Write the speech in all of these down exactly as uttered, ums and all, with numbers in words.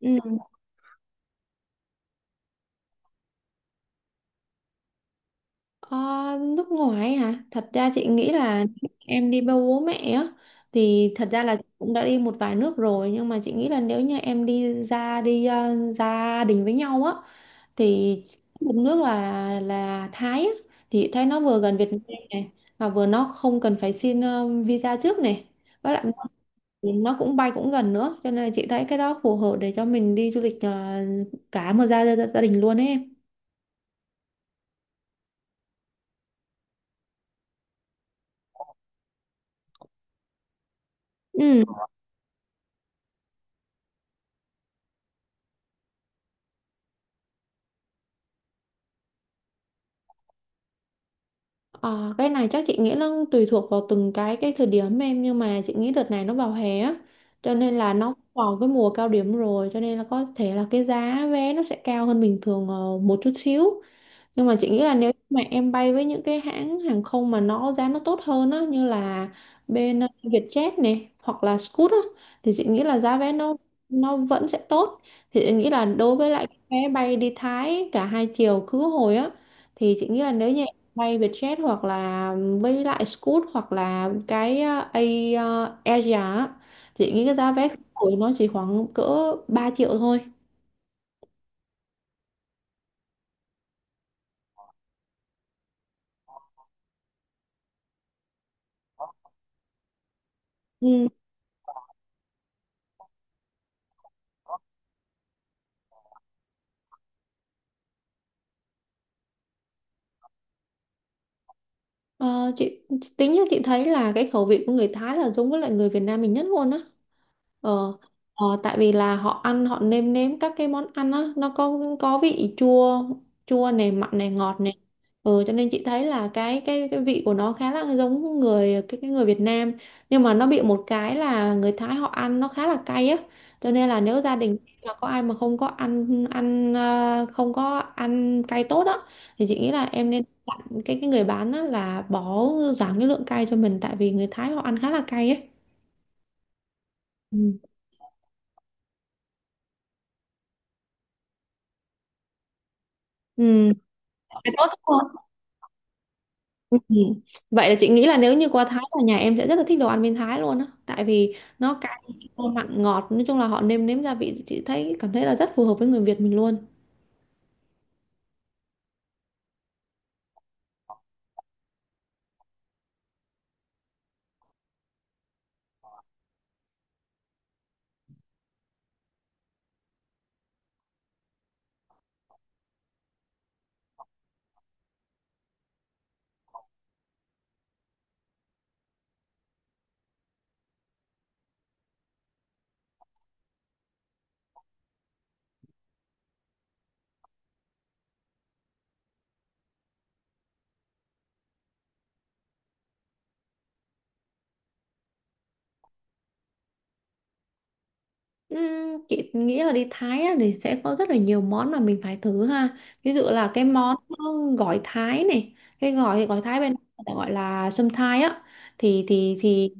Ừ. Ờ, Nước ngoài hả? Thật ra chị nghĩ là em đi với bố mẹ á thì thật ra là cũng đã đi một vài nước rồi, nhưng mà chị nghĩ là nếu như em đi ra đi ờ, gia đình với nhau á thì một nước là là Thái á. Thì Thái nó vừa gần Việt Nam này, mà vừa nó không cần phải xin ờ, visa trước này, với lại nó nó cũng bay cũng gần nữa, cho nên là chị thấy cái đó phù hợp để cho mình đi du lịch ờ, cả một gia gia, gia đình luôn ấy em. Ừ. Ờ, cái này chắc chị nghĩ nó tùy thuộc vào từng cái cái thời điểm em, nhưng mà chị nghĩ đợt này nó vào hè á, cho nên là nó vào cái mùa cao điểm rồi, cho nên là có thể là cái giá vé nó sẽ cao hơn bình thường ờ, một chút xíu. Nhưng mà chị nghĩ là nếu mà em bay với những cái hãng hàng không mà nó giá nó tốt hơn á, như là bên ờ, Vietjet này hoặc là Scoot á, thì chị nghĩ là giá vé nó nó vẫn sẽ tốt. Thì chị nghĩ là đối với lại cái vé bay đi Thái cả hai chiều khứ hồi á, thì chị nghĩ là nếu như em bay Vietjet hoặc là với lại Scoot hoặc là cái ờ, A ờ, Asia á, thì chị nghĩ cái giá vé khứ hồi nó chỉ khoảng cỡ ba triệu thôi. Ừ. Ờ, chị tính là chị thấy là cái khẩu vị của người Thái là giống với lại người Việt Nam mình nhất luôn á. Ờ, ờ, Tại vì là họ ăn, họ nêm nếm các cái món ăn á, nó có có vị chua, chua này, mặn này, ngọt này, ừ, cho nên chị thấy là cái cái cái vị của nó khá là giống người cái, cái người Việt Nam. Nhưng mà nó bị một cái là người Thái họ ăn nó khá là cay á, cho nên là nếu gia đình mà có ai mà không có ăn ăn ờ, không có ăn cay tốt á, thì chị nghĩ là em nên dặn cái cái người bán á là bỏ, giảm cái lượng cay cho mình, tại vì người Thái họ ăn khá là cay ấy. Ừ. Ừ, phải tốt đúng không? Ừ. Vậy là chị nghĩ là nếu như qua Thái là nhà em sẽ rất là thích đồ ăn bên Thái luôn á, tại vì nó cay, chua, mặn, ngọt, nói chung là họ nêm nếm gia vị chị thấy cảm thấy là rất phù hợp với người Việt mình luôn. Ừm, chị nghĩ là đi Thái á thì sẽ có rất là nhiều món mà mình phải thử ha, ví dụ là cái món gỏi Thái này, cái gỏi gỏi Thái bên người ta gọi là sâm Thái á. thì thì thì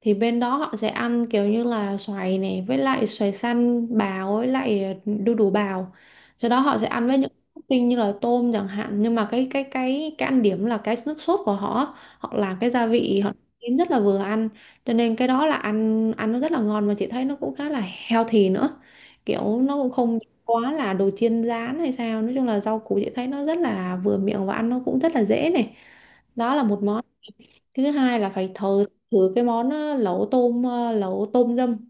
thì bên đó họ sẽ ăn kiểu như là xoài này, với lại xoài xanh bào, với lại ờ, đu đủ bào, sau đó họ sẽ ăn với những topping như là tôm chẳng hạn. Nhưng mà cái cái cái cái ăn điểm là cái nước sốt của họ họ làm cái gia vị họ kiếm rất là vừa ăn, cho nên cái đó là ăn ăn nó rất là ngon, mà chị thấy nó cũng khá là healthy nữa, kiểu nó cũng không quá là đồ chiên rán hay sao. Nói chung là rau củ chị thấy nó rất là vừa miệng và ăn nó cũng rất là dễ này, đó là một món. Thứ hai là phải thử thử cái món ờ, lẩu tôm ờ, lẩu tôm dâm,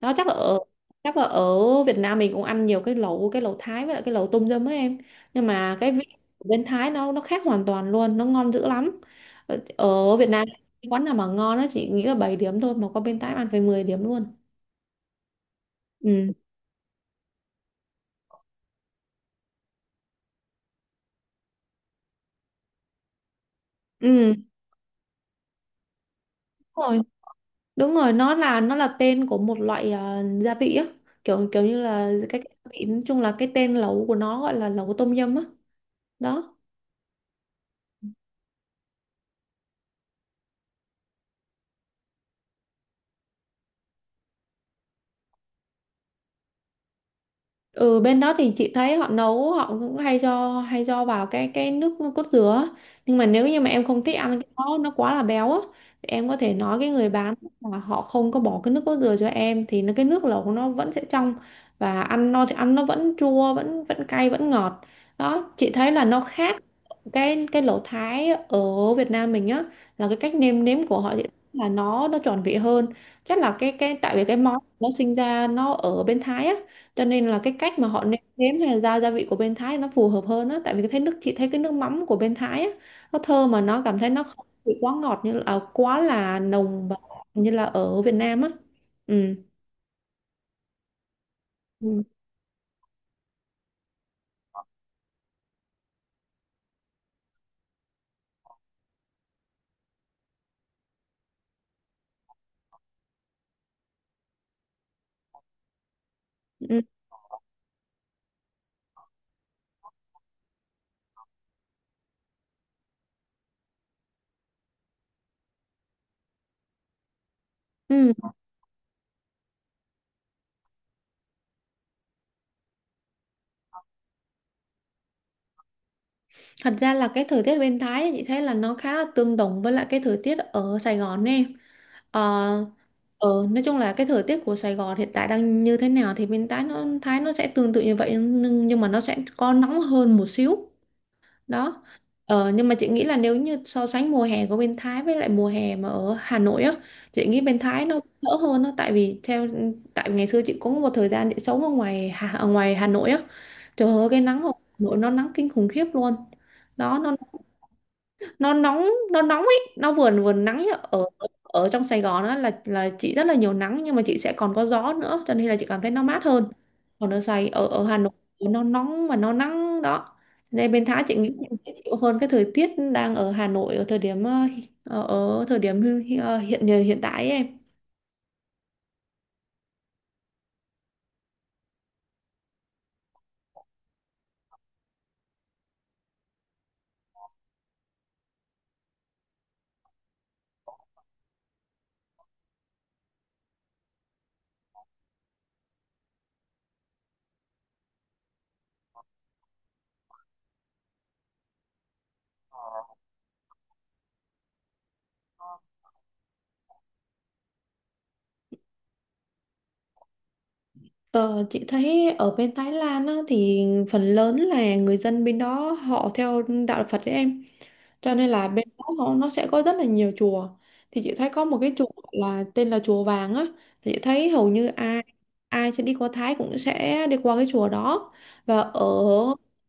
đó chắc là ở chắc là ở Việt Nam mình cũng ăn nhiều cái lẩu cái lẩu Thái với lại cái lẩu tôm dâm ấy em. Nhưng mà cái vị của bên Thái nó nó khác hoàn toàn luôn, nó ngon dữ lắm. Ở, ở Việt Nam cái quán nào mà ngon nó chỉ nghĩ là bảy điểm thôi, mà qua bên Thái ăn phải mười điểm luôn. Ừ, ừ, đúng rồi, đúng rồi, nó là nó là tên của một loại ờ, gia vị á, kiểu kiểu như là cái, cái vị, nói chung là cái tên lẩu của nó gọi là lẩu tôm dâm á, đó. Ừ, bên đó thì chị thấy họ nấu, họ cũng hay cho hay cho vào cái cái nước cốt dừa á. Nhưng mà nếu như mà em không thích ăn cái đó nó quá là béo á, thì em có thể nói cái người bán là họ không có bỏ cái nước cốt dừa cho em, thì nó cái nước lẩu của nó vẫn sẽ trong, và ăn nó thì ăn nó vẫn chua, vẫn vẫn cay, vẫn ngọt. Đó, chị thấy là nó khác cái cái lẩu Thái ở Việt Nam mình á, là cái cách nêm nếm của họ thì là nó nó tròn vị hơn. Chắc là cái cái tại vì cái món nó sinh ra nó ở bên Thái á, cho nên là cái cách mà họ nêm nếm hay là giao gia vị của bên Thái nó phù hợp hơn á, tại vì cái thấy nước chị thấy cái nước mắm của bên Thái á nó thơm, mà nó cảm thấy nó không bị quá ngọt như là à, quá là nồng và như là ở Việt Nam á, ừ. Ừ. Ừ. Ừ. Thật ra là cái thời tiết bên Thái ấy, chị thấy là nó khá là tương đồng với lại cái thời tiết ở Sài Gòn nè. Ờ, ờ, nói chung là cái thời tiết của Sài Gòn hiện tại đang như thế nào thì bên Thái nó Thái nó sẽ tương tự như vậy, nhưng nhưng mà nó sẽ có nóng hơn một xíu, đó. Ờ, nhưng mà chị nghĩ là nếu như so sánh mùa hè của bên Thái với lại mùa hè mà ở Hà Nội á, chị nghĩ bên Thái nó đỡ hơn đó, tại vì theo tại ngày xưa chị cũng một thời gian chị sống ở ngoài Hà, ở ngoài Hà Nội á, trời ơi cái nắng ở Hà Nội nó nắng kinh khủng khiếp luôn, đó nó nó nóng, nó nóng ấy, nó vừa vừa nắng nhá. Ở ở trong Sài Gòn á, là là chị rất là nhiều nắng, nhưng mà chị sẽ còn có gió nữa cho nên là chị cảm thấy nó mát hơn, còn ở Sài ở ở Hà Nội nó nóng và nó nắng đó, nên bên Thái chị nghĩ chị sẽ chịu hơn cái thời tiết đang ở Hà Nội ở thời điểm ờ, ở, ở thời điểm hi- hi- ờ, hiện hiện tại ấy em. Ờ, chị thấy ở bên Thái Lan á thì phần lớn là người dân bên đó họ theo đạo Phật đấy em, cho nên là bên đó họ- nó sẽ có rất là nhiều chùa. Thì chị thấy có một cái chùa là tên là chùa Vàng á, thì chị thấy hầu như ai ai sẽ đi qua Thái cũng sẽ đi qua cái chùa đó. Và ở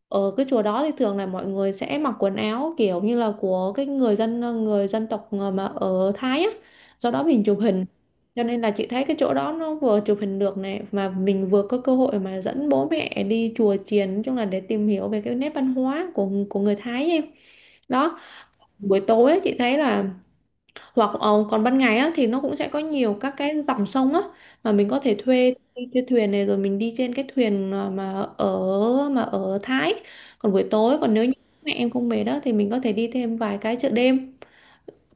ở cái chùa đó thì thường là mọi người sẽ mặc quần áo kiểu như là của cái người dân người dân tộc ờ, mà ở Thái á, do đó mình chụp hình, cho nên là chị thấy cái chỗ đó nó vừa chụp hình được này, mà mình vừa có cơ hội mà dẫn bố mẹ đi chùa chiền, nói chung là để tìm hiểu về cái nét văn hóa của của người Thái em, đó. Buổi tối ấy, chị thấy là hoặc ờ, còn ban ngày á, thì nó cũng sẽ có nhiều các cái dòng sông á, mà mình có thể thuê thuê thuyền này, rồi mình đi trên cái thuyền mà mà ở mà ở Thái. Còn buổi tối, còn nếu như mẹ em không về đó thì mình có thể đi thêm vài cái chợ đêm.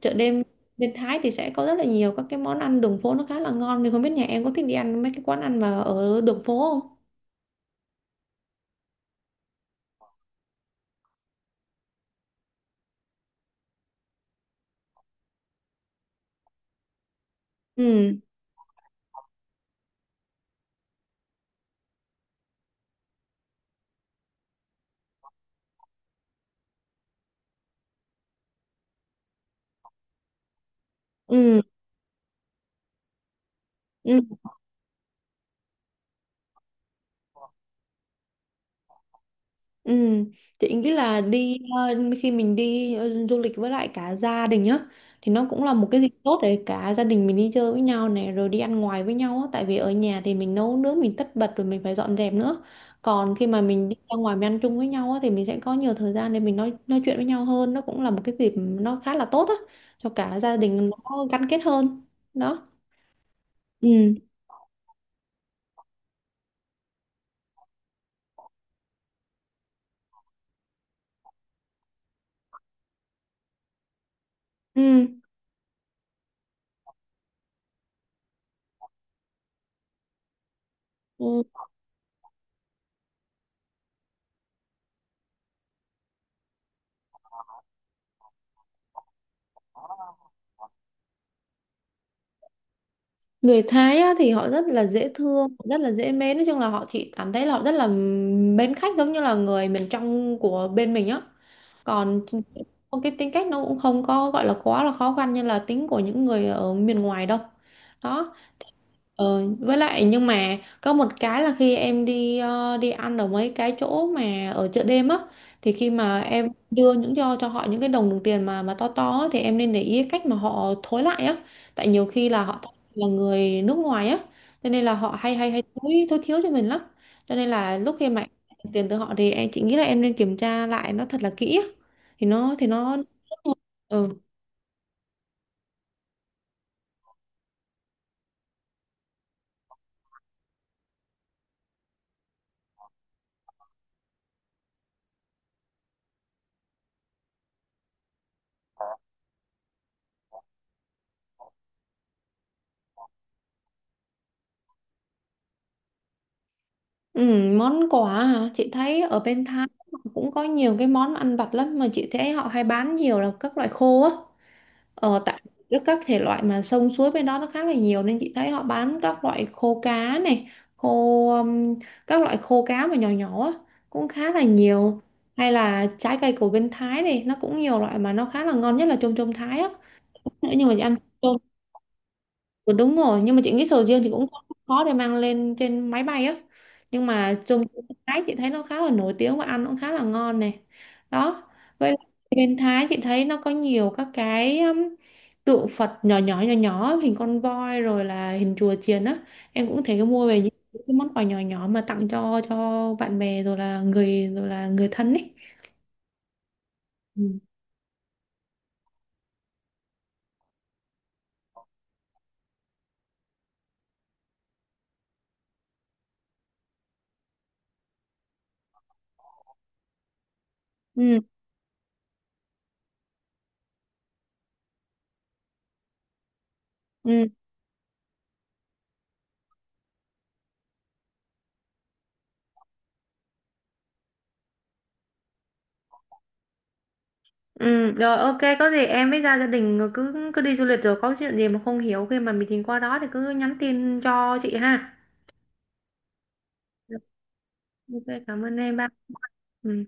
Chợ đêm bên Thái thì sẽ có rất là nhiều các cái món ăn đường phố nó khá là ngon, thì không biết nhà em có thích đi ăn mấy cái quán ăn mà ở đường phố không. Ừ ừ. Ừ. Ừ, chị nghĩ là đi ờ, khi mình đi ờ, du lịch với lại cả gia đình á thì nó cũng là một cái dịp tốt để cả gia đình mình đi chơi với nhau này, rồi đi ăn ngoài với nhau á, tại vì ở nhà thì mình nấu nướng, mình tất bật rồi mình phải dọn dẹp nữa. Còn khi mà mình đi ra ngoài mình ăn chung với nhau á thì mình sẽ có nhiều thời gian để mình nói nói chuyện với nhau hơn, nó cũng là một cái dịp nó khá là tốt á cho cả gia đình nó gắn kết hơn, đó. Ừ, ừ, ừ. Người Thái á thì họ rất là dễ thương, rất là dễ mến, nói chung là họ chỉ cảm thấy là họ rất là mến khách, giống như là người miền trong của bên mình á. Còn cái tính cách nó cũng không có gọi là quá là khó khăn như là tính của những người ở miền ngoài đâu, đó. Ờ, với lại nhưng mà có một cái là khi em đi ờ, đi ăn ở mấy cái chỗ mà ở chợ đêm á, thì khi mà em đưa những cho cho họ những cái đồng đồng tiền mà mà to to á, thì em nên để ý cái cách mà họ thối lại á. Tại nhiều khi là họ là người nước ngoài á, cho nên là họ hay hay hay thối thối thiếu cho mình lắm, cho nên là lúc khi mà em nhận tiền từ họ thì em chị nghĩ là em nên kiểm tra lại nó thật là kỹ á, thì nó thì nó, ừ. Ừ, món quà hả? Chị thấy ở bên Thái họ cũng có nhiều cái món ăn vặt lắm, mà chị thấy họ hay bán nhiều là các loại khô á. Ờ, tại các các thể loại mà sông suối bên đó nó khá là nhiều, nên chị thấy họ bán các loại khô cá này, khô um, các loại khô cá mà nhỏ nhỏ á cũng khá là nhiều. Hay là trái cây của bên Thái này nó cũng nhiều loại mà nó khá là ngon, nhất là chôm chôm Thái á. Nữa nhưng mà chị ăn. Ừ, đúng rồi, nhưng mà chị nghĩ sầu riêng thì cũng không khó để mang lên trên máy bay á, nhưng mà trong Thái chị thấy nó khá là nổi tiếng và ăn cũng khá là ngon này, đó. Với lại bên Thái chị thấy nó có nhiều các cái um, tượng Phật nhỏ nhỏ nhỏ nhỏ hình con voi, rồi là hình chùa chiền á, em cũng thể mua về những cái món quà nhỏ nhỏ mà tặng cho cho bạn bè, rồi là người rồi là người thân ấy, ừ. Ừ. Ừ, Ừ, rồi ok có gì em với gia gia đình rồi cứ cứ đi du lịch, rồi có chuyện gì mà không hiểu khi mà mình tìm qua đó thì cứ nhắn tin cho chị ha. Được. Ok cảm ơn em ba. Ừ.